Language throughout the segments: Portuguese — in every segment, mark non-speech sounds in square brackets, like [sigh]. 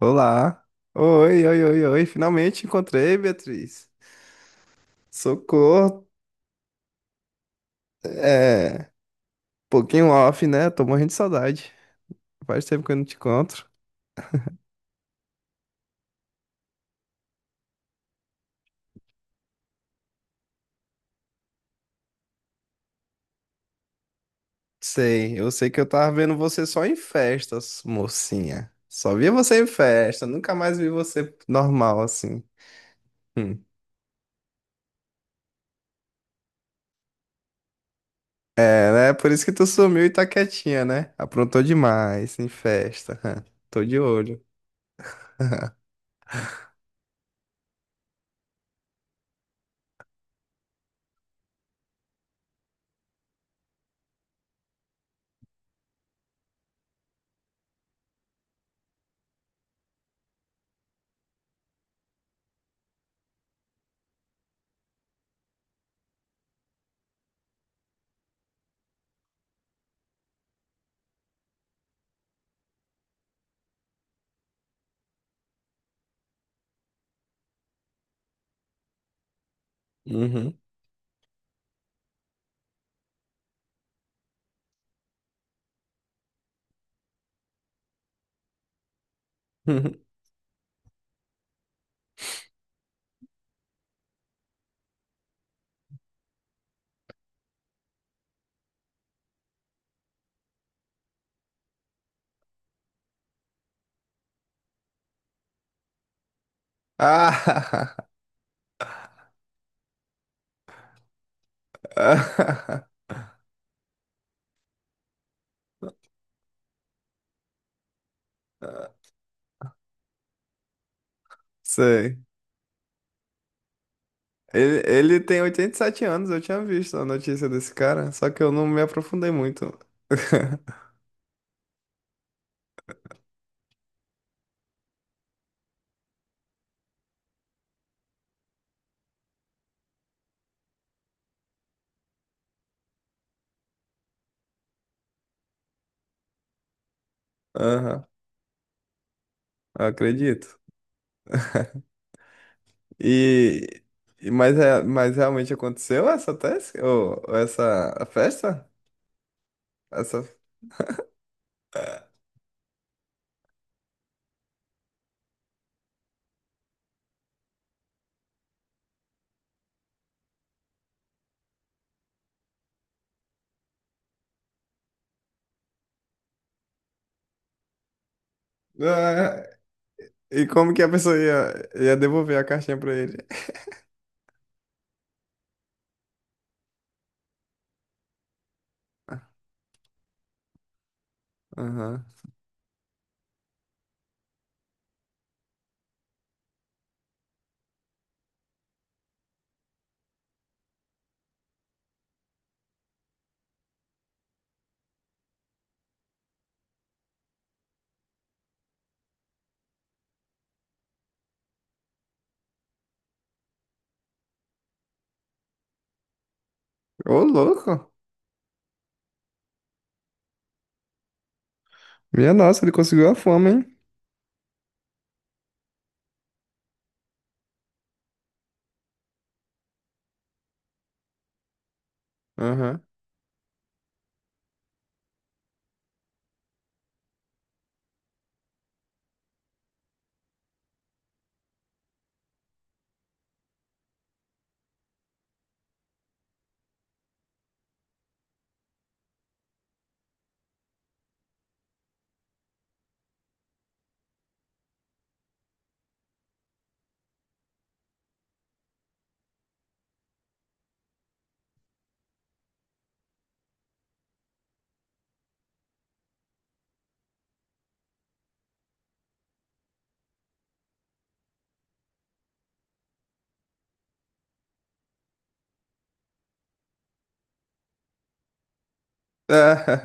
Olá. Oi. Finalmente encontrei, Beatriz. Socorro. É, pouquinho off, né? Tô morrendo de saudade. Faz tempo que eu não te encontro. Sei, eu sei que eu tava vendo você só em festas, mocinha. Só via você em festa, nunca mais vi você normal assim. Hum. É, né? Por isso que tu sumiu e tá quietinha, né? Aprontou demais em festa. [laughs] Tô de olho. Uhum. [laughs] Ah! [laughs] Sei. Ele tem 87 anos, eu tinha visto a notícia desse cara, só que eu não me aprofundei muito. [laughs] Aham, acredito. E, mas é, mas realmente aconteceu essa tese? Ou essa a festa? Essa... Ah, e como que a pessoa ia devolver a caixinha pra ele? Aham. Ô, louco! Minha nossa, ele conseguiu a fama, hein? Aham.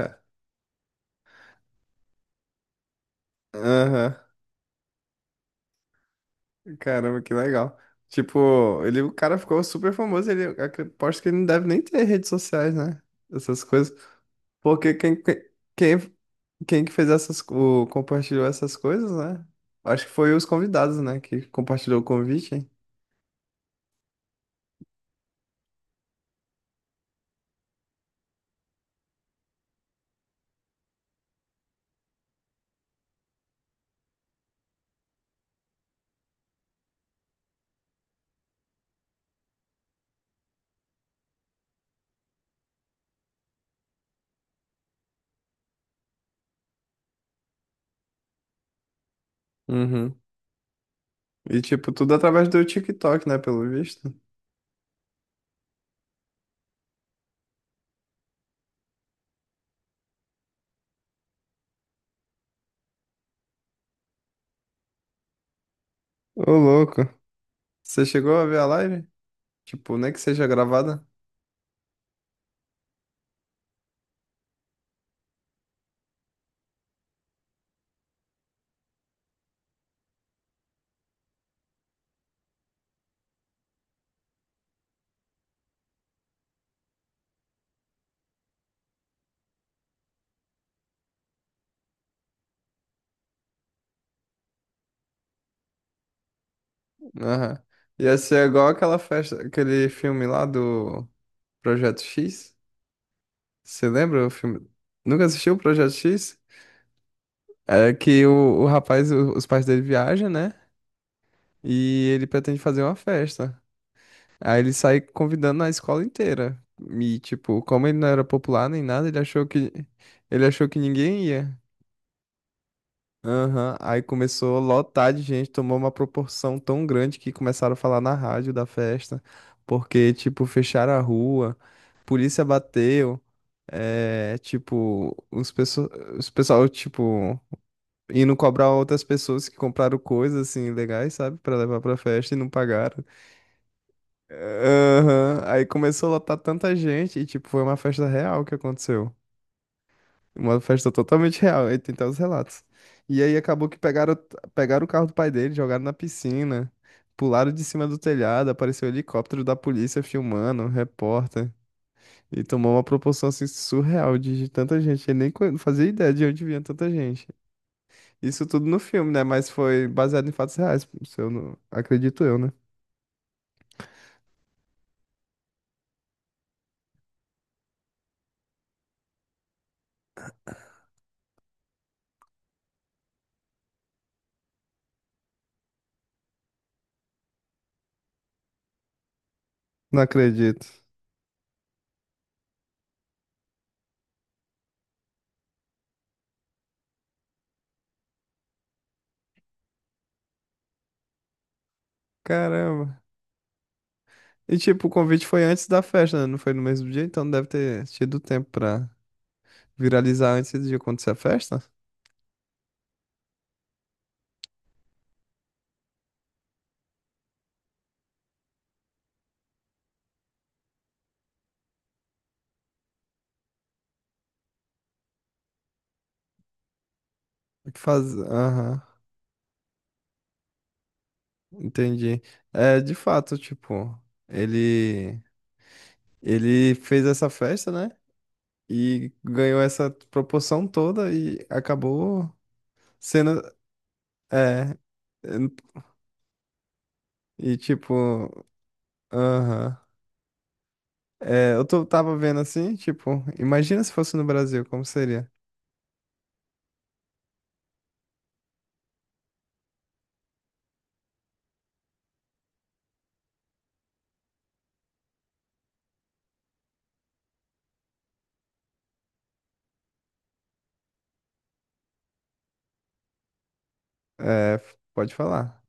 [laughs] Aham. Caramba, que legal. Tipo, ele, o cara ficou super famoso. Ele, eu aposto que ele não deve nem ter redes sociais, né? Essas coisas. Porque quem que fez essas, o, compartilhou essas coisas, né? Acho que foi os convidados, né? Que compartilhou o convite. Uhum. E, tipo, tudo através do TikTok, né? Pelo visto. Ô, louco. Você chegou a ver a live? Tipo, nem que seja gravada. Aham. Ia ser igual aquela festa, aquele filme lá do Projeto X. Você lembra o filme? Nunca assistiu o Projeto X? É que o rapaz, o- os pais dele viajam, né? E ele pretende fazer uma festa. Aí ele sai convidando a escola inteira. E, tipo, como ele não era popular nem nada, ele achou que ninguém ia. Aham. Aí começou a lotar de gente, tomou uma proporção tão grande que começaram a falar na rádio da festa. Porque, tipo, fecharam a rua, polícia bateu. É, tipo, os, pesso- os pessoal, tipo. E não cobrar outras pessoas que compraram coisas assim legais, sabe? Pra levar pra festa e não pagaram. Aham. Aí começou a lotar tanta gente e, tipo, foi uma festa real que aconteceu. Uma festa totalmente real. Aí tem até os relatos. E aí acabou que pegaram o carro do pai dele, jogaram na piscina, pularam de cima do telhado, apareceu o helicóptero da polícia filmando, um repórter. E tomou uma proporção assim surreal de tanta gente. Eu nem co- não fazia ideia de onde vinha tanta gente. Isso tudo no filme, né? Mas foi baseado em fatos reais, se eu não... Acredito eu, né? Não acredito. Caramba. E tipo, o convite foi antes da festa, né? Não foi no mesmo dia, então deve ter tido tempo pra viralizar antes de acontecer a festa. Que Faz... Aham, entendi. É, de fato, tipo, ele... Ele fez essa festa, né? E ganhou essa proporção toda e acabou sendo... É... E tipo... Aham. É, eu tô, tava vendo assim, tipo, imagina se fosse no Brasil, como seria? É, pode falar.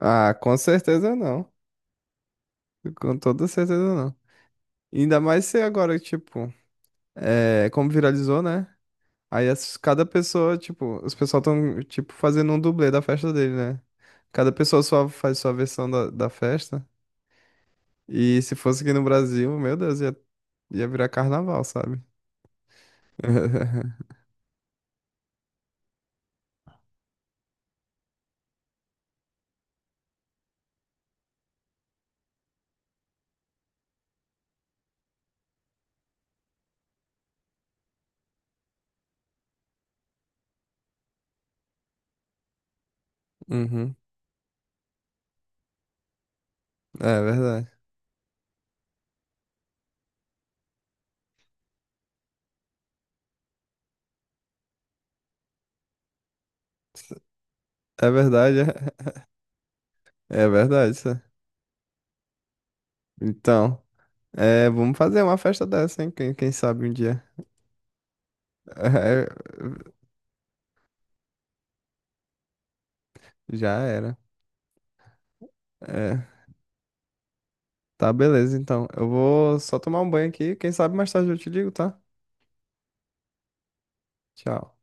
Ah, com certeza não. Com toda certeza não. Ainda mais se agora, tipo, é, como viralizou, né? Aí as- cada pessoa, tipo, os pessoal tão, tipo, fazendo um dublê da festa dele, né? Cada pessoa só faz sua versão da festa. E se fosse aqui no Brasil, meu Deus, ia virar carnaval, sabe? [laughs] Uhum. É verdade. É verdade, é verdade. Então, é, vamos fazer uma festa dessa, hein? Quem sabe um dia. [laughs] É, já era. É, tá, beleza, então. Eu vou só tomar um banho aqui. Quem sabe mais tarde eu te ligo, tá? Tchau.